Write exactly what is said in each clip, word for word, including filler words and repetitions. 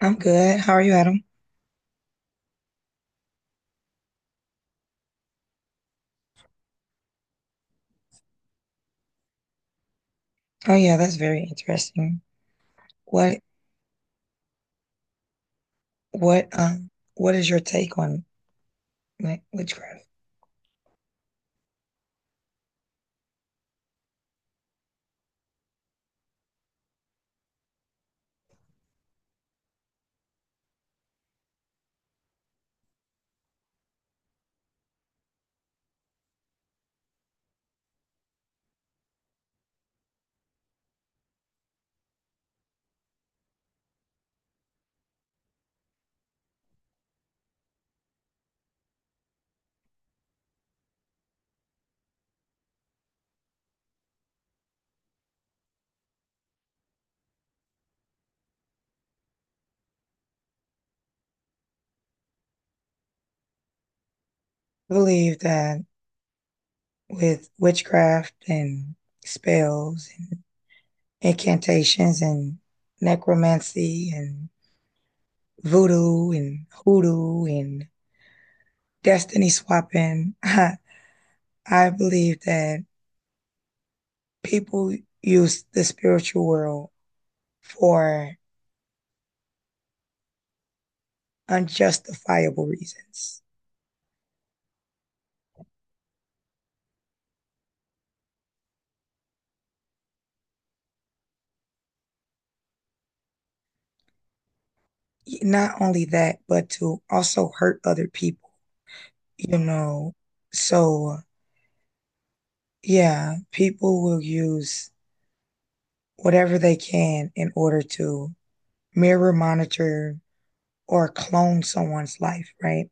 I'm good. How are you, Adam? Oh yeah, that's very interesting. What what um what is your take on like witchcraft? I believe that with witchcraft and spells and incantations and necromancy and voodoo and hoodoo and destiny swapping, I believe that people use the spiritual world for unjustifiable reasons. Not only that, but to also hurt other people, you know. So, yeah, people will use whatever they can in order to mirror, monitor, or clone someone's life, right?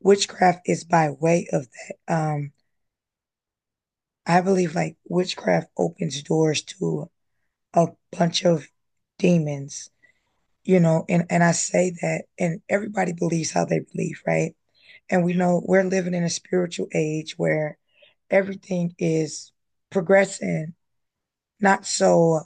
Witchcraft is by way of that. Um, I believe like witchcraft opens doors to a bunch of demons, you know, and, and I say that, and everybody believes how they believe, right? And we know we're living in a spiritual age where everything is progressing, not so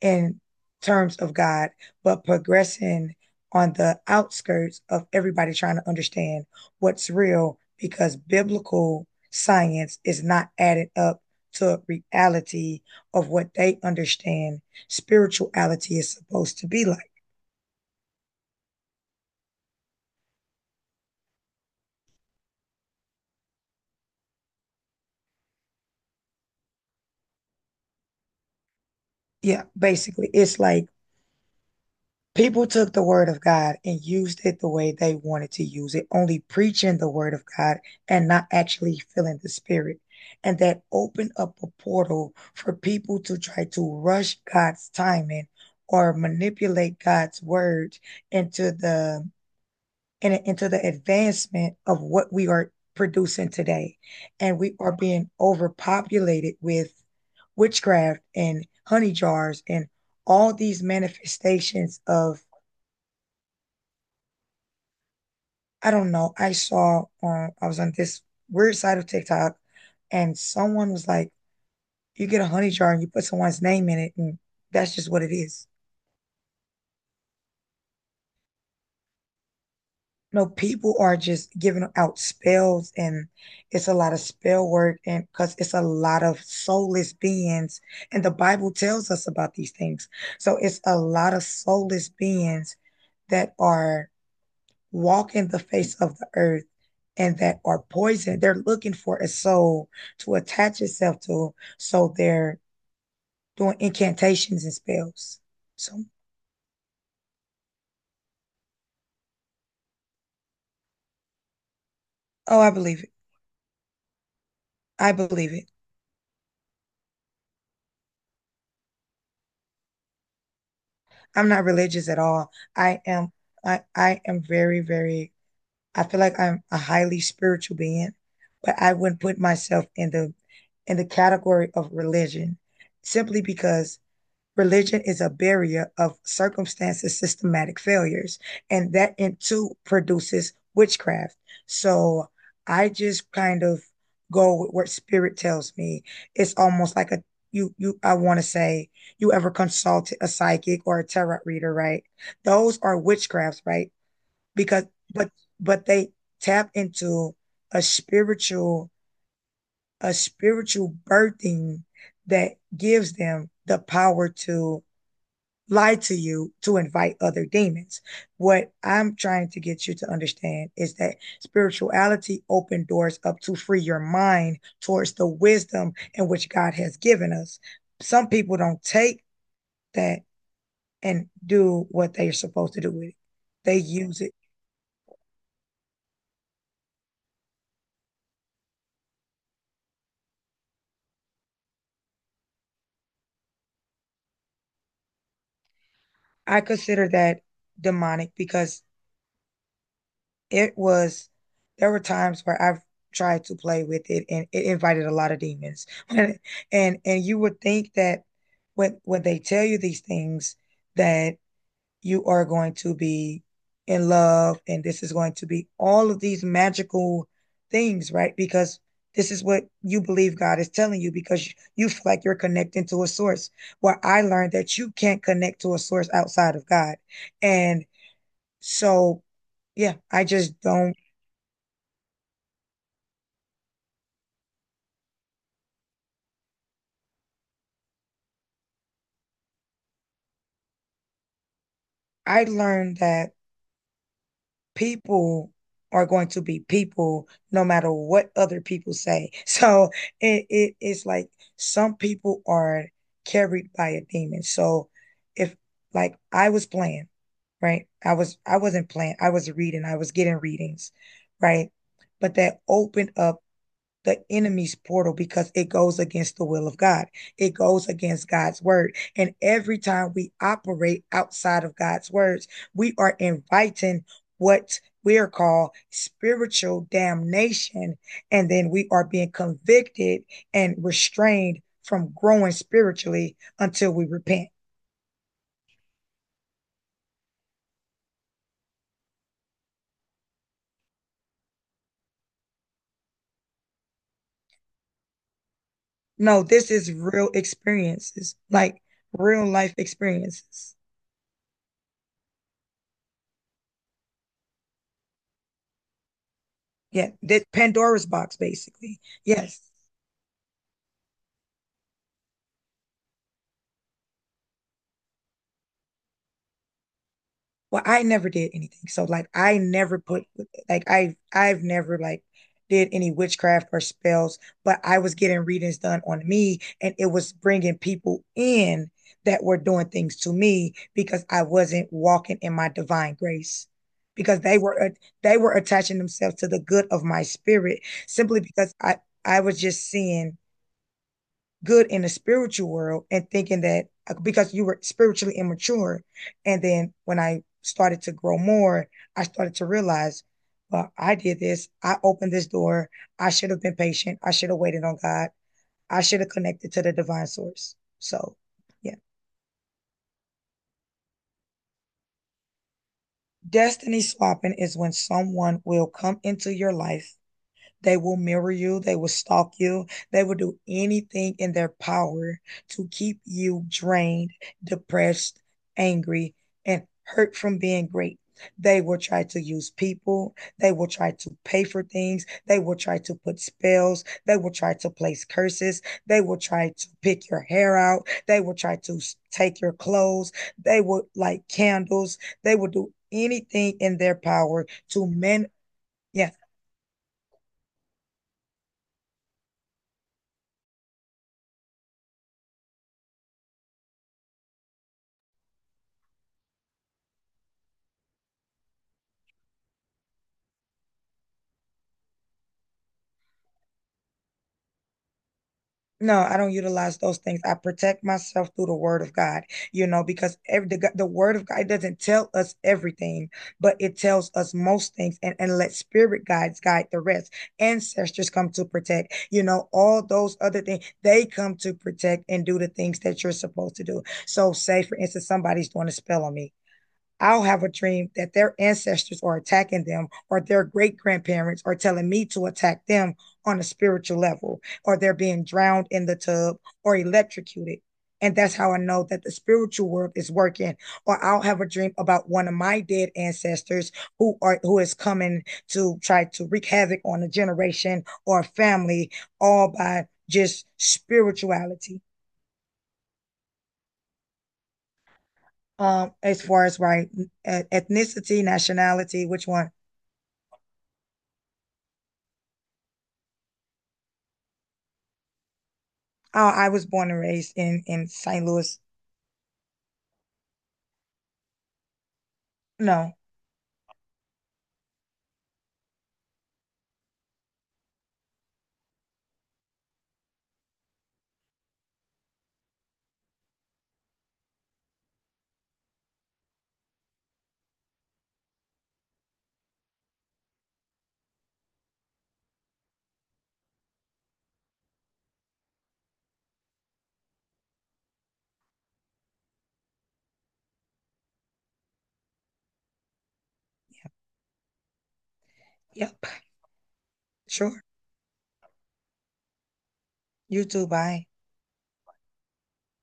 in terms of God, but progressing on the outskirts of everybody trying to understand what's real because biblical science is not added up to reality of what they understand spirituality is supposed to be like. Yeah, basically, it's like people took the word of God and used it the way they wanted to use it, only preaching the word of God and not actually feeling the spirit. And that opened up a portal for people to try to rush God's timing or manipulate God's word into the in, into the advancement of what we are producing today. And we are being overpopulated with witchcraft and honey jars and all these manifestations of... I don't know. I saw um I was on this weird side of TikTok and someone was like, you get a honey jar and you put someone's name in it and that's just what it is. No, people are just giving out spells and it's a lot of spell work and because it's a lot of soulless beings and the Bible tells us about these things. So it's a lot of soulless beings that are... walk in the face of the earth and that are poisoned. They're looking for a soul to attach itself to. So they're doing incantations and spells. So, oh, I believe it. I believe it. I'm not religious at all. I am. I, I am very, very, I feel like I'm a highly spiritual being, but I wouldn't put myself in the, in the category of religion simply because religion is a barrier of circumstances, systematic failures, and that in too produces witchcraft. So I just kind of go with what spirit tells me. It's almost like a... you you I want to say, you ever consulted a psychic or a tarot reader, right? Those are witchcrafts, right? Because but but they tap into a spiritual a spiritual birthing that gives them the power to lie to you to invite other demons. What I'm trying to get you to understand is that spirituality opens doors up to free your mind towards the wisdom in which God has given us. Some people don't take that and do what they're supposed to do with it. They use it. I consider that demonic because it was, there were times where I've tried to play with it and it invited a lot of demons. And and, you would think that when when they tell you these things that you are going to be in love and this is going to be all of these magical things, right? Because this is what you believe God is telling you because you feel like you're connecting to a source. Well, I learned that you can't connect to a source outside of God. And so, yeah, I just don't... I learned that people are going to be people no matter what other people say. So it, it it's like some people are carried by a demon. So if like I was playing, right? I was... I wasn't playing. I was reading. I was getting readings, right? But that opened up the enemy's portal because it goes against the will of God. It goes against God's word. And every time we operate outside of God's words, we are inviting what we are called spiritual damnation. And then we are being convicted and restrained from growing spiritually until we repent. No, this is real experiences, like real life experiences. Yeah, that Pandora's box, basically. Yes. Well, I never did anything. So like I never put... like I I've never like did any witchcraft or spells, but I was getting readings done on me and it was bringing people in that were doing things to me because I wasn't walking in my divine grace. Because they were they were attaching themselves to the good of my spirit simply because I I was just seeing good in the spiritual world and thinking that uh, because you were spiritually immature. And then when I started to grow more, I started to realize, well, I did this. I opened this door. I should have been patient. I should have waited on God. I should have connected to the divine source. So, yeah. Destiny swapping is when someone will come into your life. They will mirror you, they will stalk you, they will do anything in their power to keep you drained, depressed, angry, and hurt from being great. They will try to use people. They will try to pay for things. They will try to put spells. They will try to place curses. They will try to pick your hair out. They will try to take your clothes. They will light candles. They will do anything in their power to men. Yeah, no, I don't utilize those things. I protect myself through the word of God, you know, because every, the, the word of God doesn't tell us everything, but it tells us most things, and, and let spirit guides guide the rest. Ancestors come to protect, you know, all those other things, they come to protect and do the things that you're supposed to do. So say, for instance, somebody's doing a spell on me. I'll have a dream that their ancestors are attacking them, or their great grandparents are telling me to attack them on a spiritual level, or they're being drowned in the tub or electrocuted. And that's how I know that the spiritual world is working. Or I'll have a dream about one of my dead ancestors who are who is coming to try to wreak havoc on a generation or a family, all by just spirituality. Um, as far as right, ethnicity, nationality, which one? Oh, I was born and raised in in Saint Louis. No. Yep. Sure. You too. Bye.